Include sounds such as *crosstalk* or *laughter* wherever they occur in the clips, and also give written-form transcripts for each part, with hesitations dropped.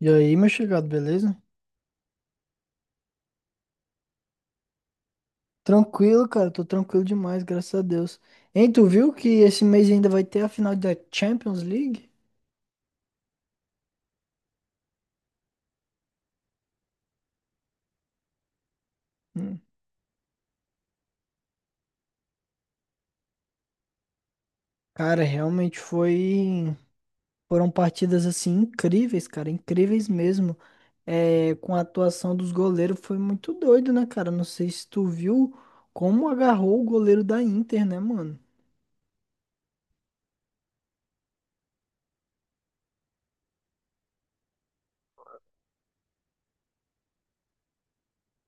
E aí, meu chegado, beleza? Tranquilo, cara, tô tranquilo demais, graças a Deus. Hein, tu viu que esse mês ainda vai ter a final da Champions League? Hum. Cara, realmente foi. Foram partidas assim incríveis, cara, incríveis mesmo. É, com a atuação dos goleiros foi muito doido, né, cara? Não sei se tu viu como agarrou o goleiro da Inter, né, mano?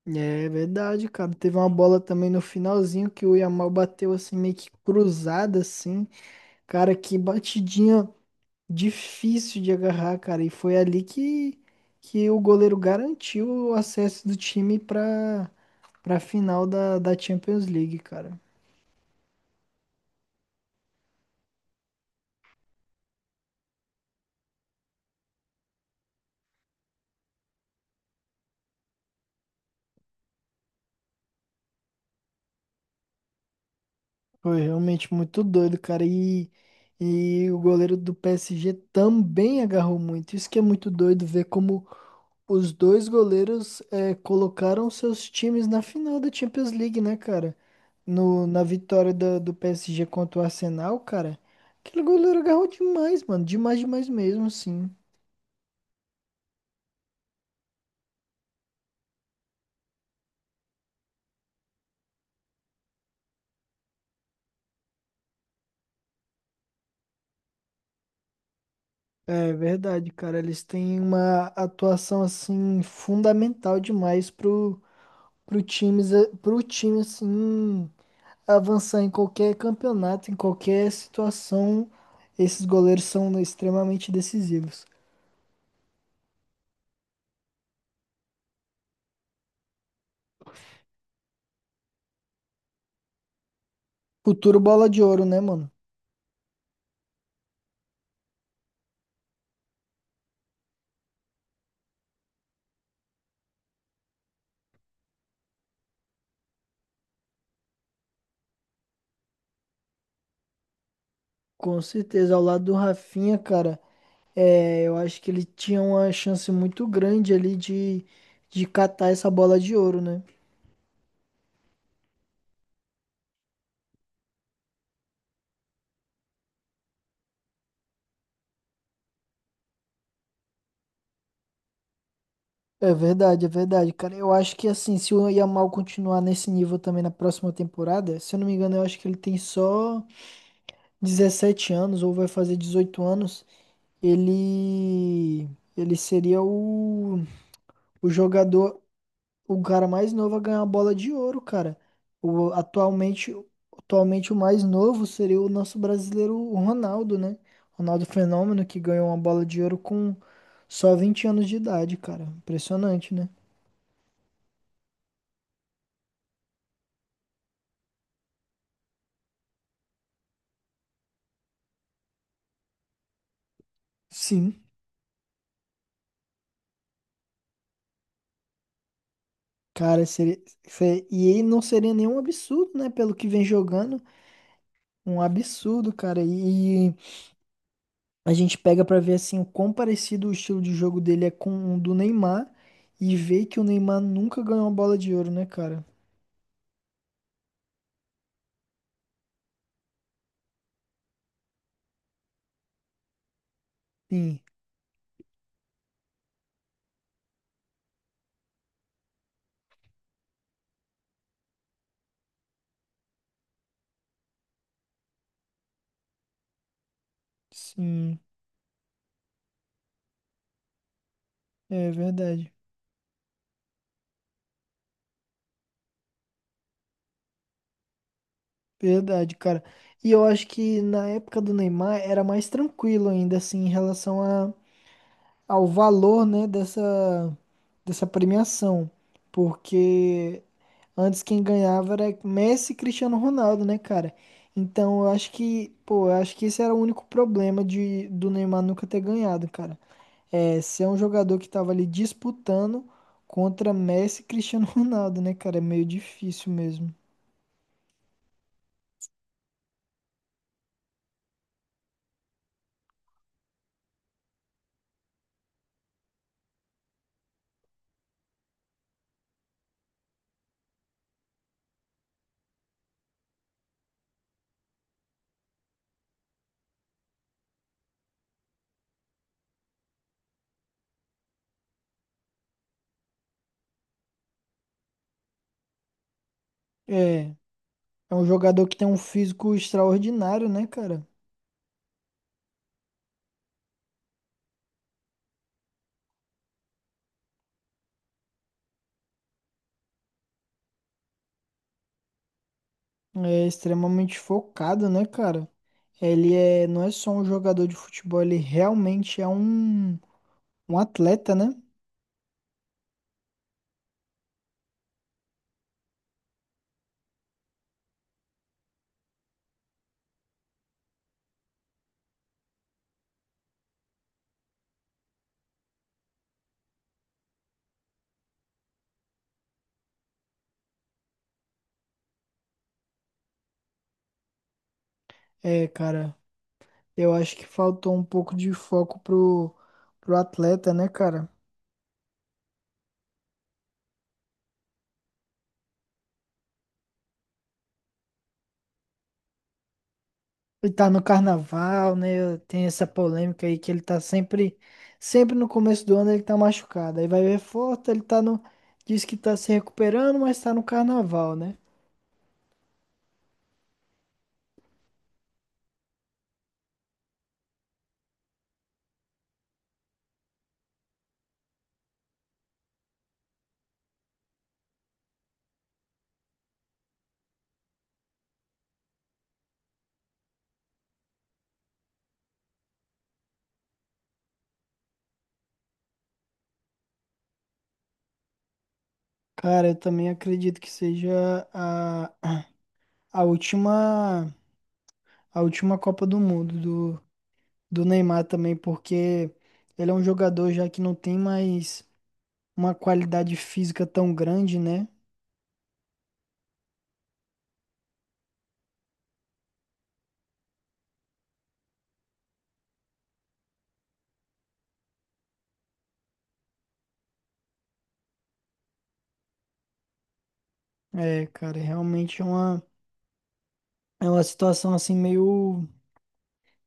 É verdade, cara. Teve uma bola também no finalzinho que o Yamal bateu assim meio que cruzada assim. Cara, que batidinha difícil de agarrar, cara. E foi ali que o goleiro garantiu o acesso do time pra final da Champions League, cara. Foi realmente muito doido, cara. E o goleiro do PSG também agarrou muito. Isso que é muito doido ver como os dois goleiros colocaram seus times na final da Champions League, né, cara? No, Na vitória da- do PSG contra o Arsenal, cara. Aquele goleiro agarrou demais, mano. Demais, demais mesmo, sim. É verdade, cara. Eles têm uma atuação assim fundamental demais pro times, pro time assim avançar em qualquer campeonato, em qualquer situação, esses goleiros são extremamente decisivos. Futuro bola de ouro, né, mano? Com certeza, ao lado do Rafinha, cara, é, eu acho que ele tinha uma chance muito grande ali de catar essa bola de ouro, né? É verdade, cara. Eu acho que assim, se o Yamal continuar nesse nível também na próxima temporada, se eu não me engano, eu acho que ele tem só 17 anos ou vai fazer 18 anos. Ele ele seria o jogador, o cara mais novo a ganhar a bola de ouro, cara. Atualmente, atualmente o mais novo seria o nosso brasileiro o Ronaldo, né? Ronaldo Fenômeno que ganhou uma bola de ouro com só 20 anos de idade, cara. Impressionante, né? Sim. Cara, seria, e ele não seria nenhum absurdo, né? Pelo que vem jogando, um absurdo, cara. E, a gente pega pra ver assim o quão parecido o estilo de jogo dele é com o do Neymar e vê que o Neymar nunca ganhou uma bola de ouro, né, cara? Sim, sim, é verdade. Verdade, cara. E eu acho que na época do Neymar era mais tranquilo ainda assim em relação ao valor, né, dessa premiação, porque antes quem ganhava era Messi e Cristiano Ronaldo, né, cara? Então eu acho que, pô, eu acho que esse era o único problema do Neymar nunca ter ganhado, cara. É, ser um jogador que tava ali disputando contra Messi e Cristiano *laughs* Ronaldo, né, cara? É meio difícil mesmo. É, é um jogador que tem um físico extraordinário, né, cara? É extremamente focado, né, cara? Ele é, não é só um jogador de futebol, ele realmente é um atleta, né? É, cara. Eu acho que faltou um pouco de foco pro atleta, né, cara? Ele tá no carnaval, né? Tem essa polêmica aí que ele tá sempre, sempre no começo do ano ele tá machucado. Aí vai ver forte, ele tá diz que tá se recuperando, mas tá no carnaval, né? Cara, eu também acredito que seja a última, a última Copa do Mundo do Neymar também, porque ele é um jogador já que não tem mais uma qualidade física tão grande, né? É, cara, realmente é uma situação assim meio,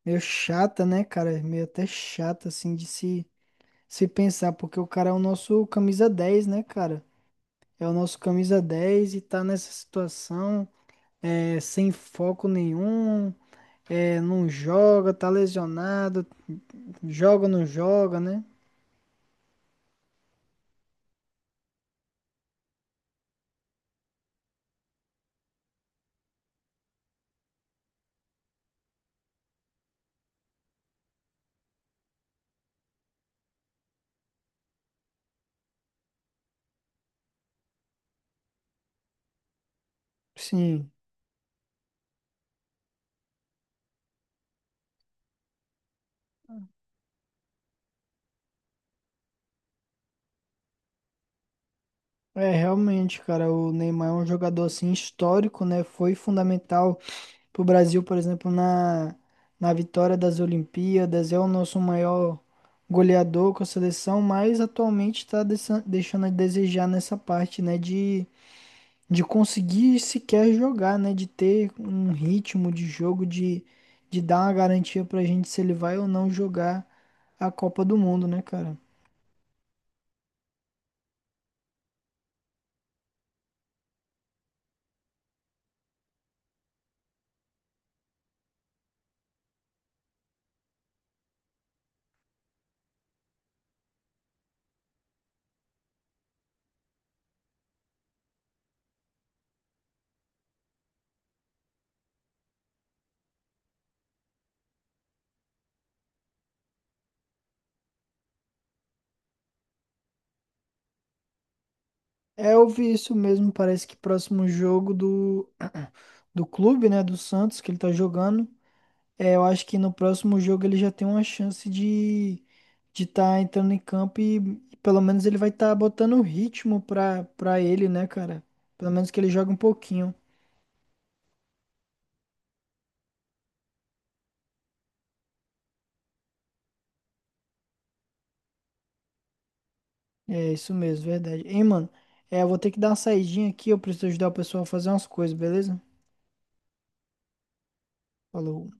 meio chata, né, cara? Meio até chata, assim, de se pensar, porque o cara é o nosso camisa dez, né, cara? É o nosso camisa 10 e tá nessa situação, é, sem foco nenhum, é, não joga, tá lesionado, joga, não joga, né? Sim, é realmente, cara, o Neymar é um jogador assim histórico, né? Foi fundamental pro Brasil, por exemplo, na vitória das Olimpíadas, é o nosso maior goleador com a seleção, mas atualmente está deixando a desejar nessa parte, né, de conseguir sequer jogar, né, de ter um ritmo de jogo, de dar uma garantia para a gente se ele vai ou não jogar a Copa do Mundo, né, cara? É, eu vi isso mesmo, parece que próximo jogo do clube, né, do Santos, que ele tá jogando, é, eu acho que no próximo jogo ele já tem uma chance de estar entrando em campo e pelo menos ele vai estar botando ritmo pra ele, né, cara? Pelo menos que ele joga um pouquinho. É isso mesmo, verdade. Hein, mano? É, eu vou ter que dar uma saidinha aqui, eu preciso ajudar o pessoal a fazer umas coisas, beleza? Falou.